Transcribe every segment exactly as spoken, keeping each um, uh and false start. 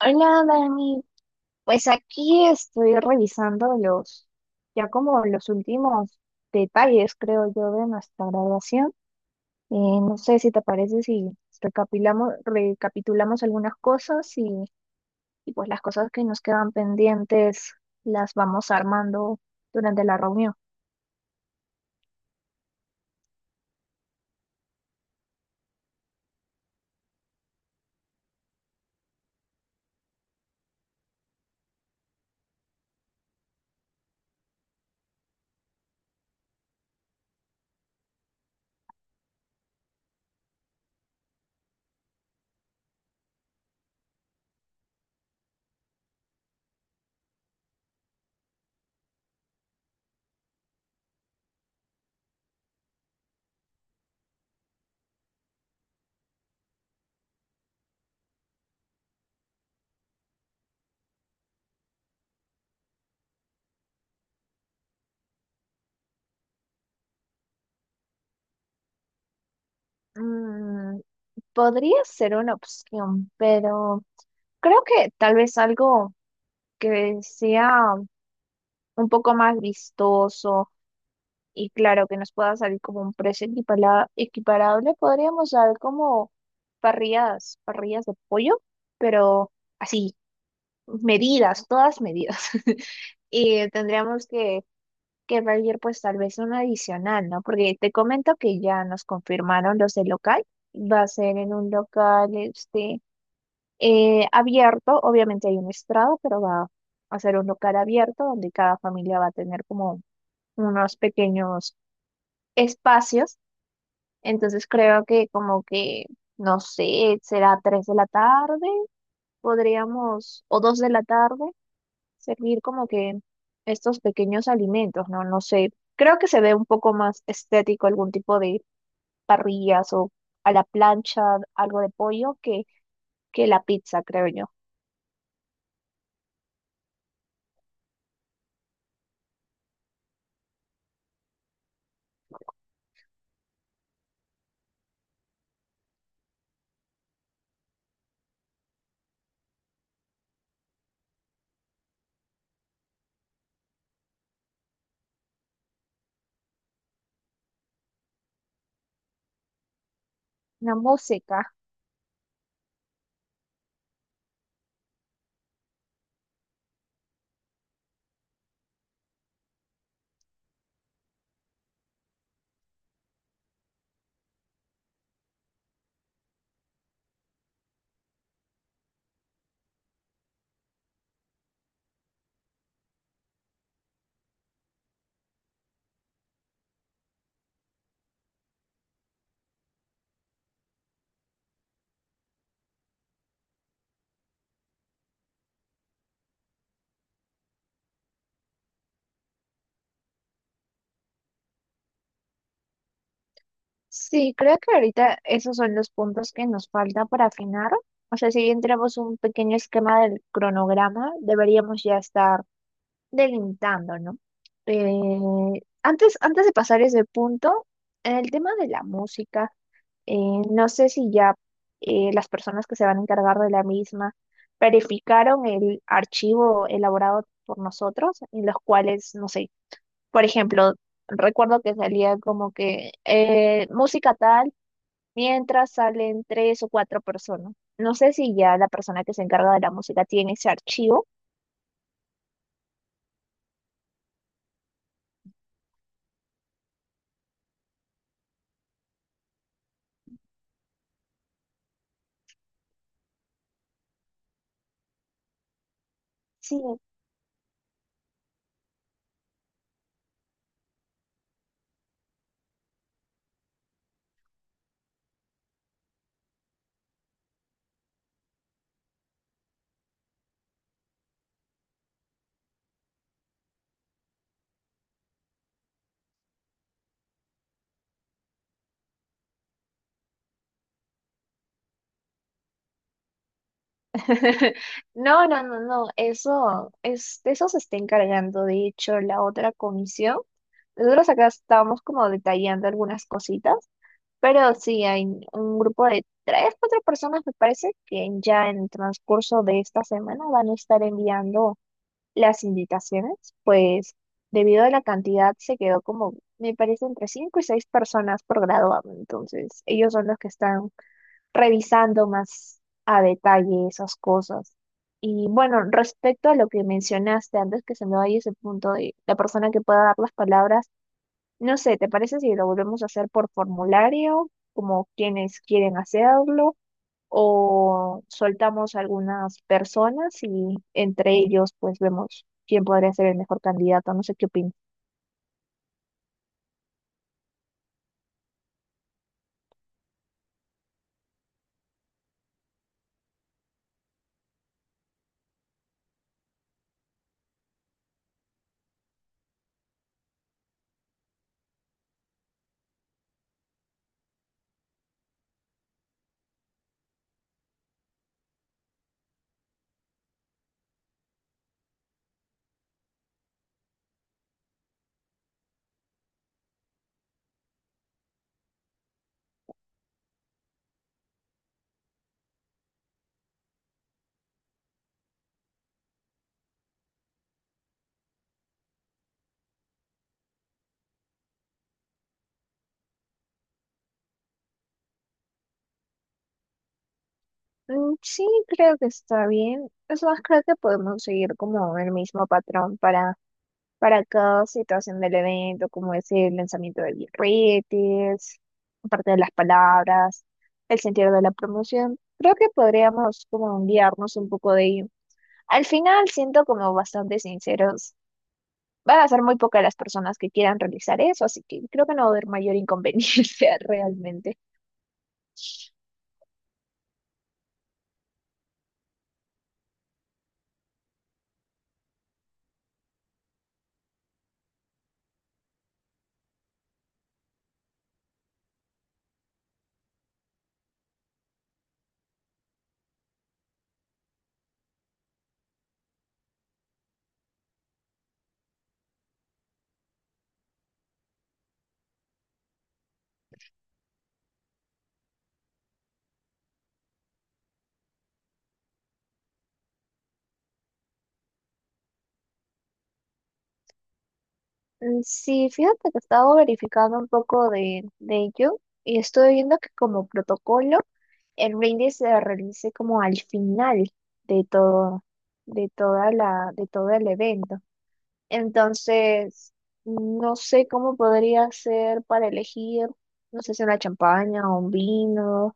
Hola, Dani. Pues aquí estoy revisando los, ya como los últimos detalles, creo yo, de nuestra graduación. Eh, no sé si te parece si recapitulamos, recapitulamos algunas cosas y, y pues las cosas que nos quedan pendientes las vamos armando durante la reunión. Mm, Podría ser una opción, pero creo que tal vez algo que sea un poco más vistoso y claro, que nos pueda salir como un precio equipala- equiparable, podríamos dar como parrillas, parrillas de pollo, pero así, medidas, todas medidas. Y tendríamos que, que pedir pues tal vez un adicional, ¿no? Porque te comento que ya nos confirmaron los del local, va a ser en un local este, eh, abierto, obviamente hay un estrado, pero va a ser un local abierto donde cada familia va a tener como unos pequeños espacios. Entonces creo que como que, no sé, será tres de la tarde, podríamos, o dos de la tarde, servir como que estos pequeños alimentos, ¿no? No sé, creo que se ve un poco más estético algún tipo de parrillas o a la plancha, algo de pollo, que, que la pizza, creo yo. La música. Sí, creo que ahorita esos son los puntos que nos falta para afinar. O sea, si bien tenemos un pequeño esquema del cronograma, deberíamos ya estar delimitando, ¿no? Eh, antes, antes de pasar ese punto, en el tema de la música, eh, no sé si ya eh, las personas que se van a encargar de la misma verificaron el archivo elaborado por nosotros, en los cuales, no sé, por ejemplo, recuerdo que salía como que eh, música tal mientras salen tres o cuatro personas. No sé si ya la persona que se encarga de la música tiene ese archivo. Sí. No, no, no, no, eso, es, de eso se está encargando, de hecho, la otra comisión. Nosotros acá estamos como detallando algunas cositas, pero sí, hay un grupo de tres, cuatro personas, me parece, que ya en el transcurso de esta semana van a estar enviando las invitaciones, pues debido a la cantidad se quedó como, me parece, entre cinco y seis personas por graduado. Entonces, ellos son los que están revisando más a detalle esas cosas. Y bueno, respecto a lo que mencionaste antes que se me vaya ese punto de la persona que pueda dar las palabras, no sé, ¿te parece si lo volvemos a hacer por formulario, como quienes quieren hacerlo, o soltamos algunas personas y entre ellos pues vemos quién podría ser el mejor candidato? No sé qué opinas. Mm, sí, creo que está bien. Es más, creo que podemos seguir como el mismo patrón para, para cada situación del evento, como es el lanzamiento de birretes, parte de las palabras, el sentido de la promoción. Creo que podríamos como guiarnos un poco de ello. Al final siento como bastante sinceros van a ser muy pocas las personas que quieran realizar eso, así que creo que no va a haber mayor inconveniencia realmente. Mm, sí, fíjate que he estado verificando un poco de, de ello y estoy viendo que como protocolo el brindis se realice como al final de todo, de toda la, de todo el evento. Entonces, no sé cómo podría ser para elegir, no sé si una champaña o un vino.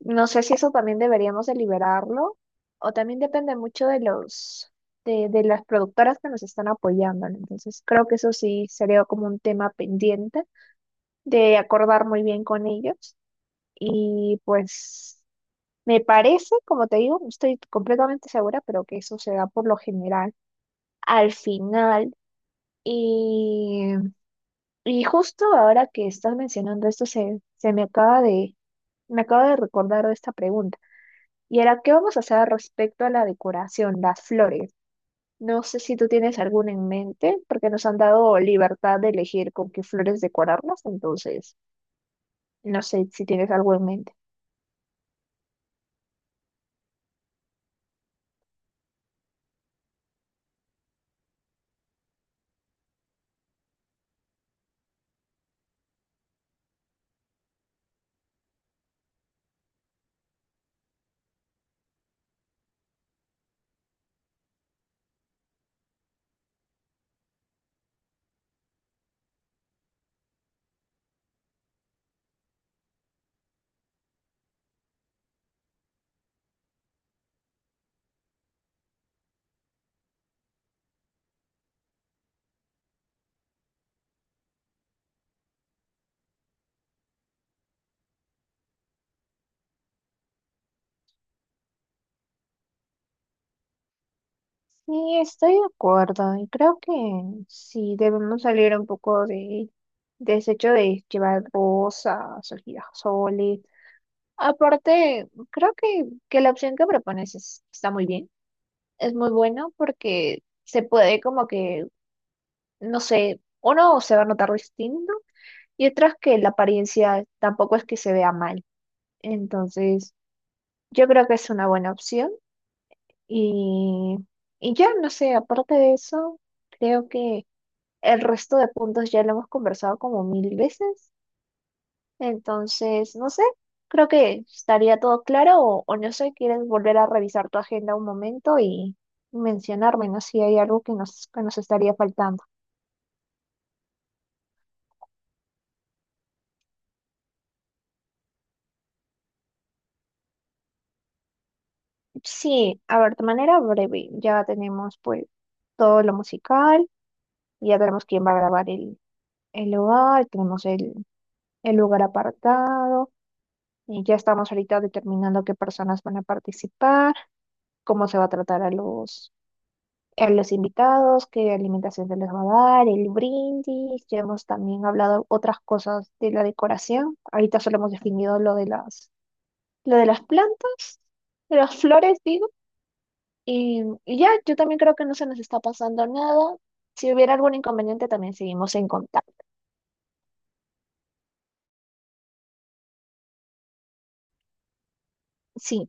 No sé si eso también deberíamos de liberarlo o también depende mucho de los de, de las productoras que nos están apoyando, ¿no? Entonces, creo que eso sí sería como un tema pendiente de acordar muy bien con ellos y pues me parece, como te digo, no estoy completamente segura, pero que eso se da por lo general al final y, y justo ahora que estás mencionando esto se, se me acaba de me acaba de recordar de esta pregunta. ¿Y ahora qué vamos a hacer respecto a la decoración, las flores? No sé si tú tienes alguna en mente, porque nos han dado libertad de elegir con qué flores decorarlas, entonces no sé si tienes algo en mente. Sí, estoy de acuerdo y creo que sí debemos salir un poco de, de ese hecho de llevar rosas o girasoles. Aparte, creo que, que la opción que propones es- está muy bien, es muy bueno porque se puede como que no sé, uno se va a notar distinto y otras que la apariencia tampoco es que se vea mal. Entonces, yo creo que es una buena opción y, y ya, no sé, aparte de eso, creo que el resto de puntos ya lo hemos conversado como mil veces. Entonces, no sé, creo que estaría todo claro o, o no sé, quieres volver a revisar tu agenda un momento y mencionarme, ¿no? Si hay algo que nos, que nos estaría faltando. Sí, a ver, de manera breve, ya tenemos pues todo lo musical, ya tenemos quién va a grabar el, el lugar, tenemos el, el lugar apartado, y ya estamos ahorita determinando qué personas van a participar, cómo se va a tratar a los, a los invitados, qué alimentación se les va a dar, el brindis, ya hemos también hablado otras cosas de la decoración, ahorita solo hemos definido lo de las, lo de las plantas, de las flores, sí. Y, y ya, yo también creo que no se nos está pasando nada. Si hubiera algún inconveniente, también seguimos en contacto. Sí.